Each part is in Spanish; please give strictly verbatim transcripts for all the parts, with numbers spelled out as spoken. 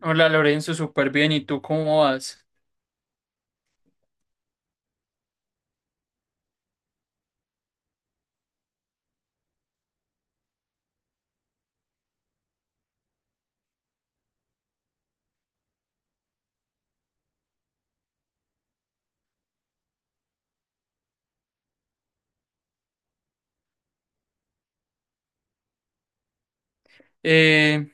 Hola Lorenzo, súper bien. ¿Y tú cómo vas? Eh,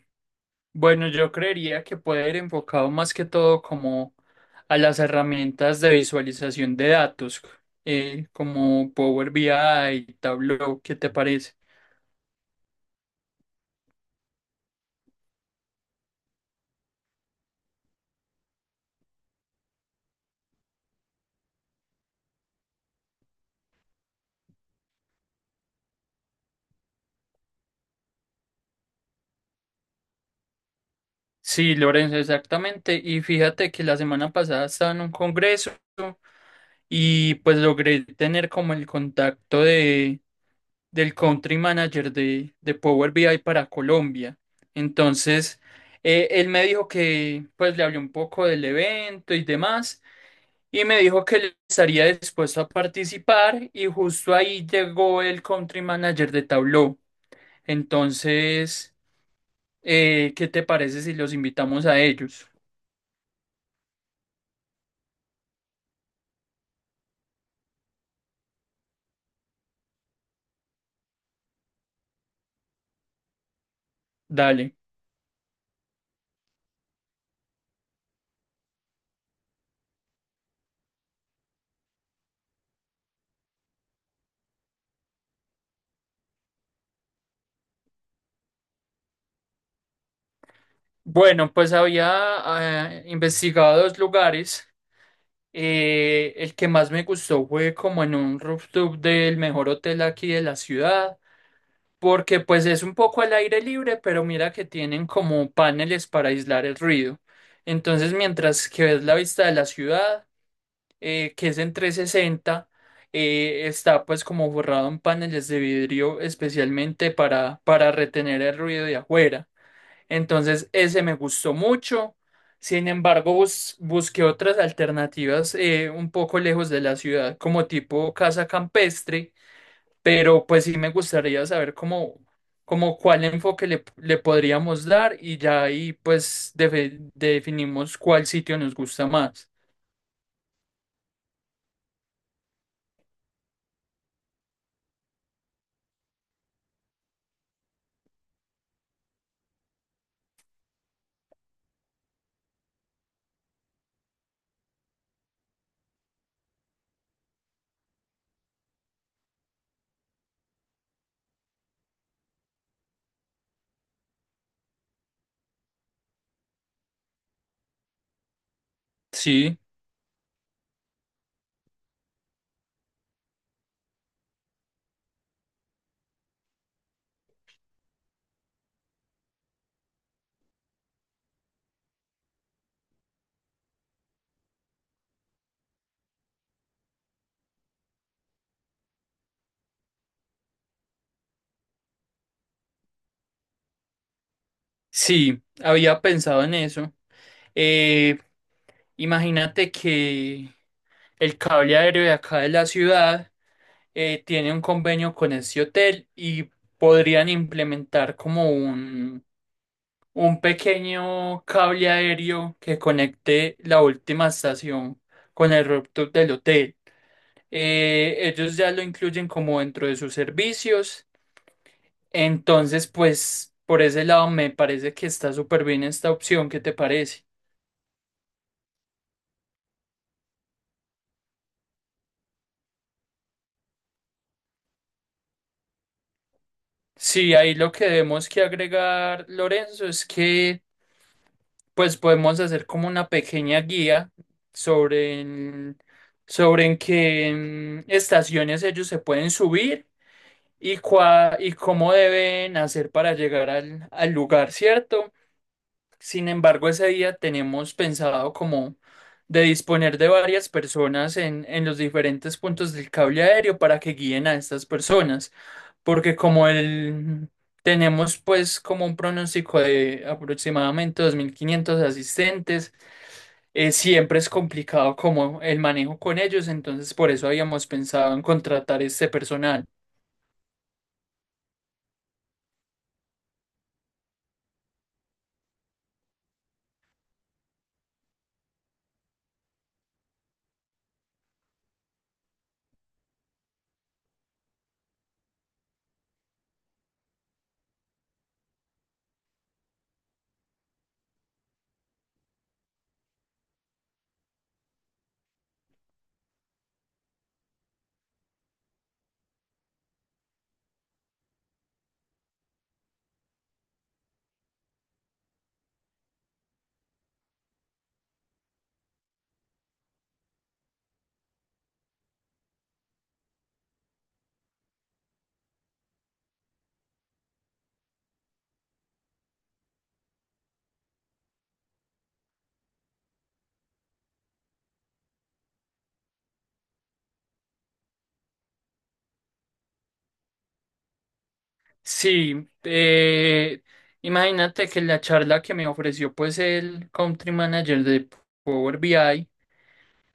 bueno, yo creería que puede ir enfocado más que todo como a las herramientas de visualización de datos, eh, como Power B I, Tableau, ¿qué te parece? Sí, Lorenzo, exactamente. Y fíjate que la semana pasada estaba en un congreso y pues logré tener como el contacto de del country manager de, de Power B I para Colombia. Entonces, eh, él me dijo que, pues le hablé un poco del evento y demás, y me dijo que él estaría dispuesto a participar, y justo ahí llegó el country manager de Tableau. Entonces, eh, ¿qué te parece si los invitamos a ellos? Dale. Bueno, pues había eh, investigado dos lugares. Eh, el que más me gustó fue como en un rooftop del mejor hotel aquí de la ciudad, porque pues es un poco al aire libre, pero mira que tienen como paneles para aislar el ruido. Entonces, mientras que ves la vista de la ciudad, eh, que es en trescientos sesenta, eh, está pues como borrado en paneles de vidrio especialmente para, para retener el ruido de afuera. Entonces, ese me gustó mucho. Sin embargo, bus- busqué otras alternativas eh, un poco lejos de la ciudad, como tipo casa campestre, pero pues sí me gustaría saber cómo, cómo cuál enfoque le, le podríamos dar y ya ahí pues defe- definimos cuál sitio nos gusta más. Sí, sí, había pensado en eso. Eh, Imagínate que el cable aéreo de acá de la ciudad eh, tiene un convenio con ese hotel y podrían implementar como un, un pequeño cable aéreo que conecte la última estación con el rooftop del hotel. Eh, ellos ya lo incluyen como dentro de sus servicios. Entonces, pues por ese lado me parece que está súper bien esta opción. ¿Qué te parece? Sí, ahí lo que debemos que agregar, Lorenzo, es que pues podemos hacer como una pequeña guía sobre, en- sobre en qué mm, estaciones ellos se pueden subir y, cua- y cómo deben hacer para llegar al, al lugar, ¿cierto? Sin embargo, ese día tenemos pensado como de disponer de varias personas en, en los diferentes puntos del cable aéreo para que guíen a estas personas, porque como el, tenemos pues como un pronóstico de aproximadamente dos mil quinientos asistentes, eh, siempre es complicado como el manejo con ellos, entonces por eso habíamos pensado en contratar este personal. Sí, eh, imagínate que la charla que me ofreció pues el Country Manager de Power B I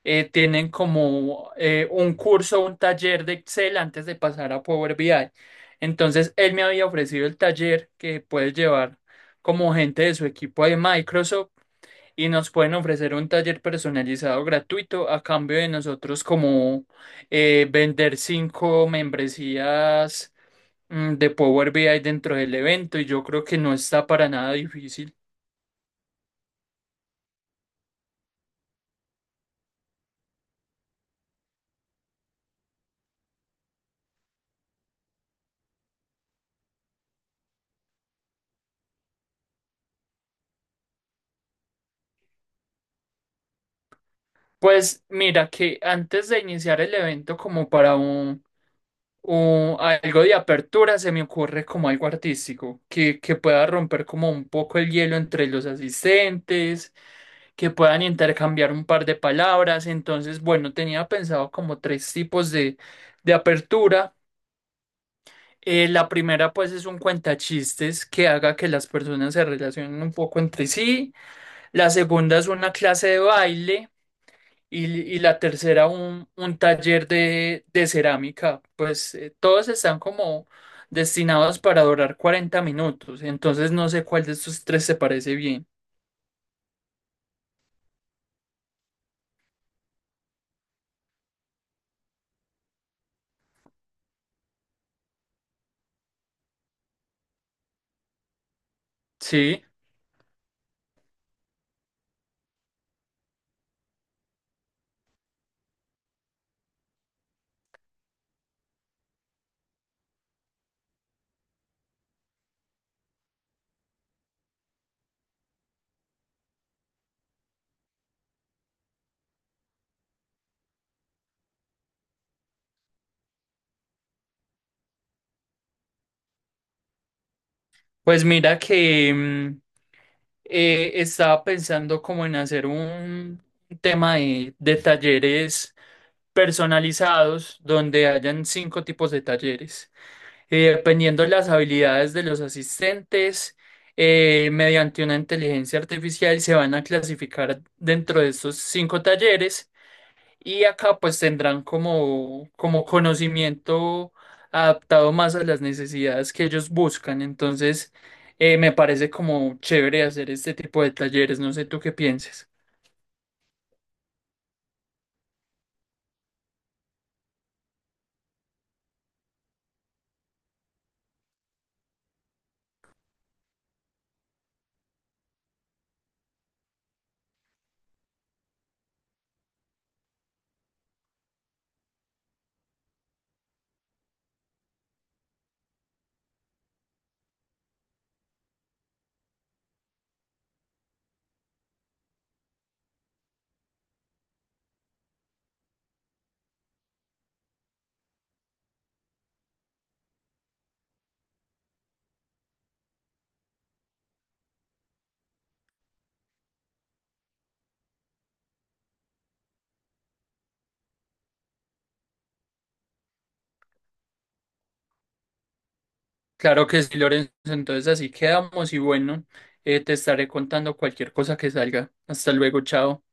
eh, tienen como eh, un curso, un taller de Excel antes de pasar a Power B I. Entonces él me había ofrecido el taller que puedes llevar como gente de su equipo de Microsoft y nos pueden ofrecer un taller personalizado gratuito a cambio de nosotros como eh, vender cinco membresías mm, de Power B I dentro del evento y yo creo que no está para nada difícil. Pues mira que antes de iniciar el evento como para un, un- algo de apertura se me ocurre como algo artístico que, que pueda romper como un poco el hielo entre los asistentes, que puedan intercambiar un par de palabras. Entonces, bueno, tenía pensado como tres tipos de, de apertura. Eh, la primera pues es un cuentachistes que haga que las personas se relacionen un poco entre sí. La segunda es una clase de baile y, y la tercera un, un taller de, de cerámica. Pues eh, todos están como destinados para durar cuarenta minutos, entonces no sé cuál de estos tres se parece bien. Sí, pues mira que mm, eh, estaba pensando como en hacer un tema de, de talleres personalizados donde hayan cinco tipos de talleres. Eh, dependiendo las habilidades de los asistentes, eh, mediante una inteligencia artificial se van a clasificar dentro de estos cinco talleres y acá pues tendrán como, como conocimiento adaptado más a las necesidades que ellos buscan. Entonces, eh, me parece como chévere hacer este tipo de talleres. No sé tú qué pienses. Claro que sí, Lorenzo. Entonces así quedamos y bueno, eh, te estaré contando cualquier cosa que salga. Hasta luego, chao.